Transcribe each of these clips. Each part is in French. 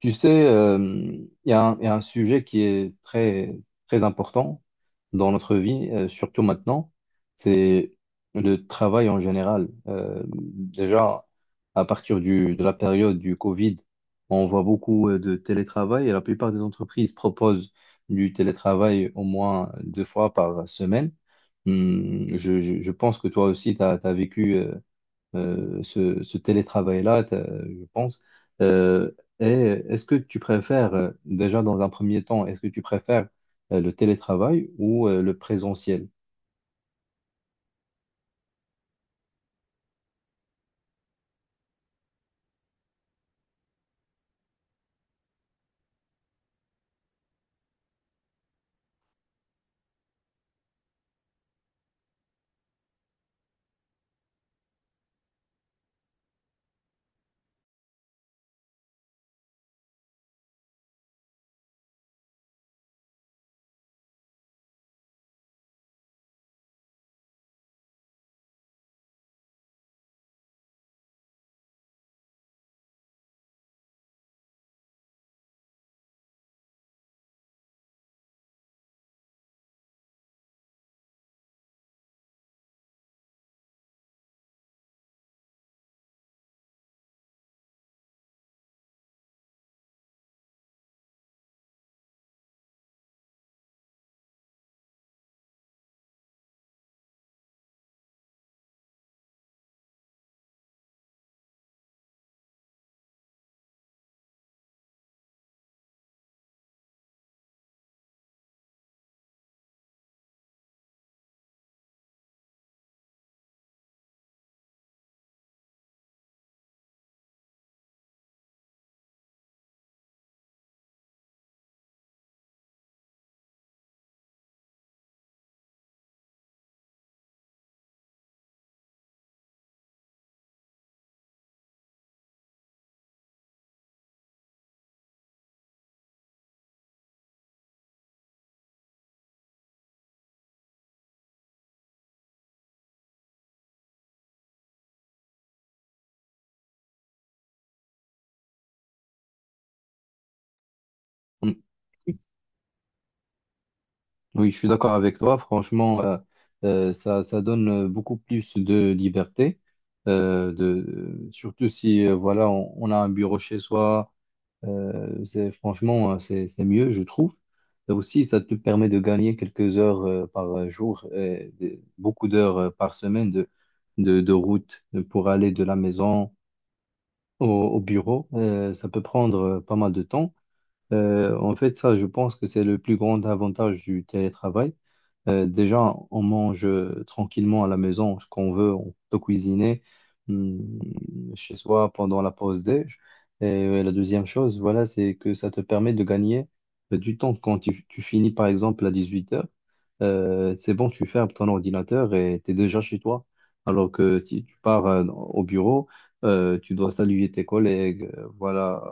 Tu sais, il y a un sujet qui est très, très important dans notre vie, surtout maintenant, c'est le travail en général. Déjà, à partir de la période du Covid, on voit beaucoup de télétravail, et la plupart des entreprises proposent du télétravail au moins deux fois par semaine. Je pense que toi aussi, tu as vécu, ce télétravail-là, je pense. Euh, et est-ce que tu préfères, déjà dans un premier temps, est-ce que tu préfères le télétravail ou le présentiel? Oui, je suis d'accord avec toi. Franchement, ça donne, beaucoup plus de liberté, surtout si, voilà, on a un bureau chez soi. Franchement, c'est mieux, je trouve. Et aussi, ça te permet de gagner quelques heures, par jour, et beaucoup d'heures, par semaine de route, pour aller de la maison au bureau. Ça peut prendre, pas mal de temps. En fait, ça, je pense que c'est le plus grand avantage du télétravail. Déjà, on mange, tranquillement à la maison ce qu'on veut. On peut cuisiner hum, chez soi pendant la pause déj. Et, la deuxième chose, voilà, c'est que ça te permet de gagner, du temps. Quand tu finis, par exemple, à 18h, c'est bon, tu fermes ton ordinateur et tu es déjà chez toi. Alors que si tu pars, au bureau, tu dois saluer tes collègues, voilà,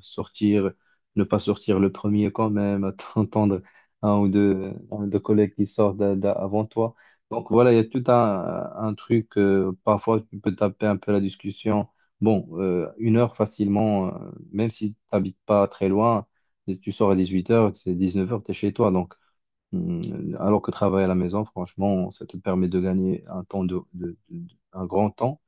sortir, ne pas sortir le premier quand même, attendre un ou deux collègues qui sortent avant toi. Donc voilà, il y a tout un truc, parfois tu peux taper un peu la discussion. Bon, une heure facilement, même si tu n'habites pas très loin, et tu sors à 18 heures, c'est 19 heures tu es chez toi. Donc, hum, alors que travailler à la maison, franchement, ça te permet de gagner un temps, un grand temps.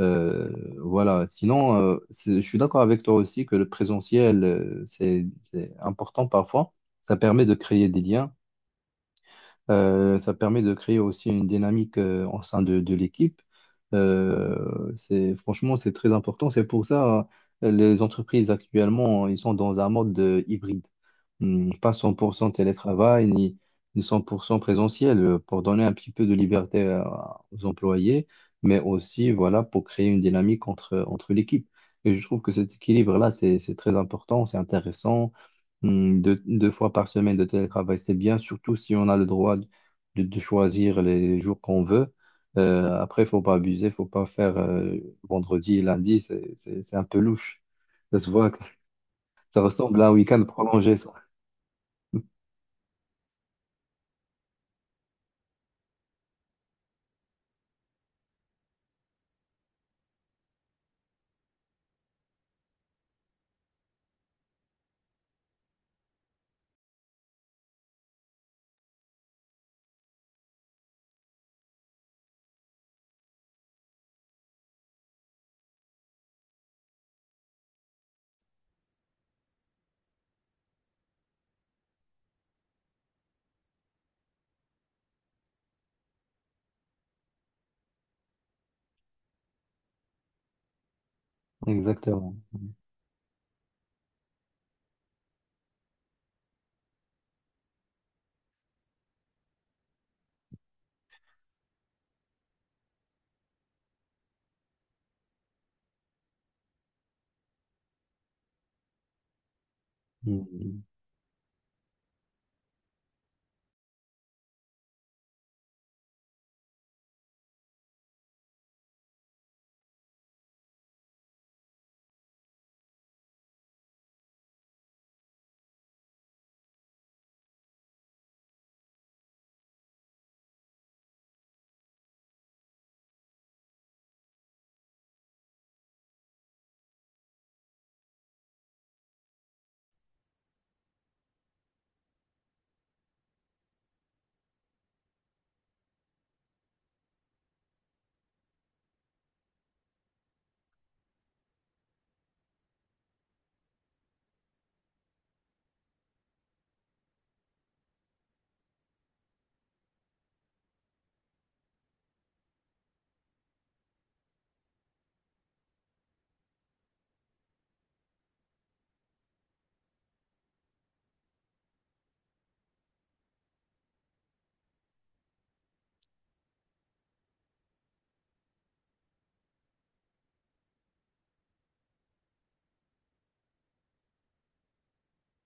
Euh, voilà. Sinon, je suis d'accord avec toi aussi que le présentiel, c'est important parfois. Ça permet de créer des liens. Ça permet de créer aussi une dynamique, au sein de l'équipe. Franchement, c'est très important. C'est pour ça, les entreprises actuellement, ils sont dans un mode, hybride. Pas 100% télétravail, ni 100% présentiel, pour donner un petit peu de liberté aux employés, mais aussi voilà, pour créer une dynamique entre l'équipe. Et je trouve que cet équilibre-là, c'est très important, c'est intéressant. Deux fois par semaine de télétravail, c'est bien, surtout si on a le droit de choisir les jours qu'on veut. Après, il faut pas abuser. Faut pas faire, vendredi et lundi, c'est un peu louche. Ça se voit, ça ressemble à un week-end prolongé, ça. Exactement. Hmm.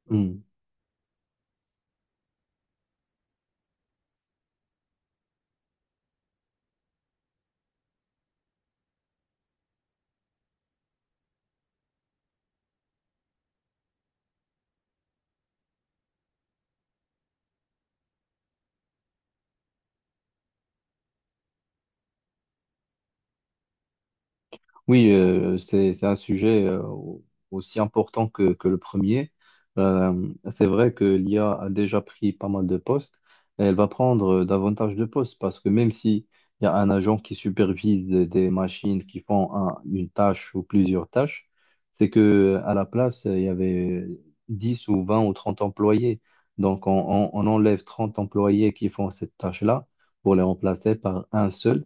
Hmm. Oui, c'est un sujet, aussi important que le premier. C'est vrai que l'IA a déjà pris pas mal de postes, et elle va prendre, davantage de postes, parce que même si il y a un agent qui supervise des machines qui font une tâche ou plusieurs tâches. C'est que, à la place, il y avait 10 ou 20 ou 30 employés. Donc on enlève 30 employés qui font cette tâche-là, pour les remplacer par un seul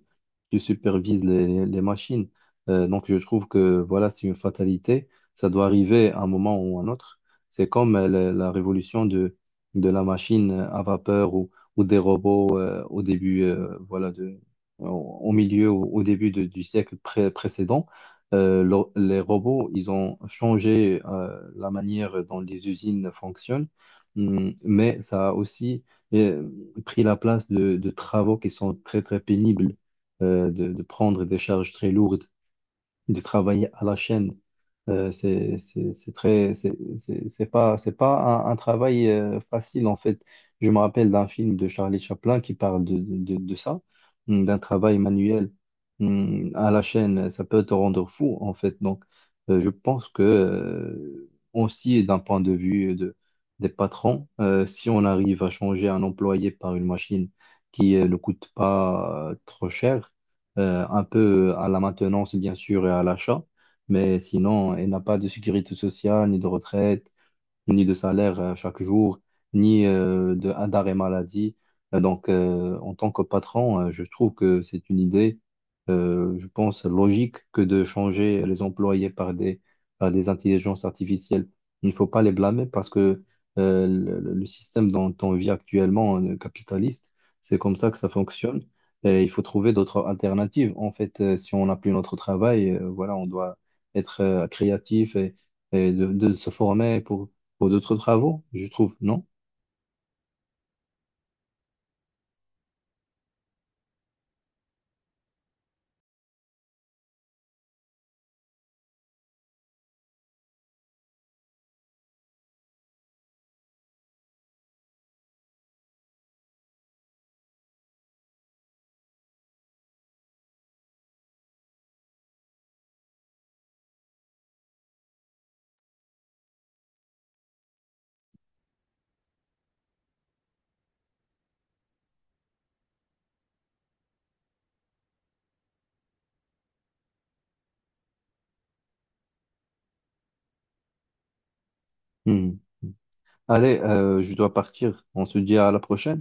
qui supervise les machines. Donc, je trouve que voilà, c'est une fatalité. Ça doit arriver à un moment ou à un autre. C'est comme, la révolution de la machine à vapeur, ou des robots, au début, voilà, au milieu, au début du siècle précédent. Les robots, ils ont changé, la manière dont les usines fonctionnent. Mais ça a aussi, euh, pris la place de travaux qui sont très, très pénibles, de prendre des charges très lourdes, de travailler à la chaîne. C'est pas un travail, facile en fait. Je me rappelle d'un film de Charlie Chaplin qui parle de ça, d'un travail manuel, à la chaîne. Ça peut te rendre fou en fait. Donc, je pense que, aussi d'un point de vue des patrons, si on arrive à changer un employé par une machine qui, ne coûte pas, trop cher, un peu à la maintenance, bien sûr, et à l'achat. Mais sinon, elle n'a pas de sécurité sociale, ni de retraite, ni de salaire, chaque jour, ni, de d'arrêt maladie. Donc, en tant que patron, je trouve que c'est une idée, je pense, logique, que de changer les employés par par des intelligences artificielles. Il ne faut pas les blâmer, parce que, le système dont on vit actuellement, capitaliste, c'est comme ça que ça fonctionne. Et il faut trouver d'autres alternatives. En fait, si on n'a plus notre travail, voilà, on doit être, créatif, et de se former, pour d'autres travaux, je trouve, non? Hmm. Allez, je dois partir. On se dit à la prochaine.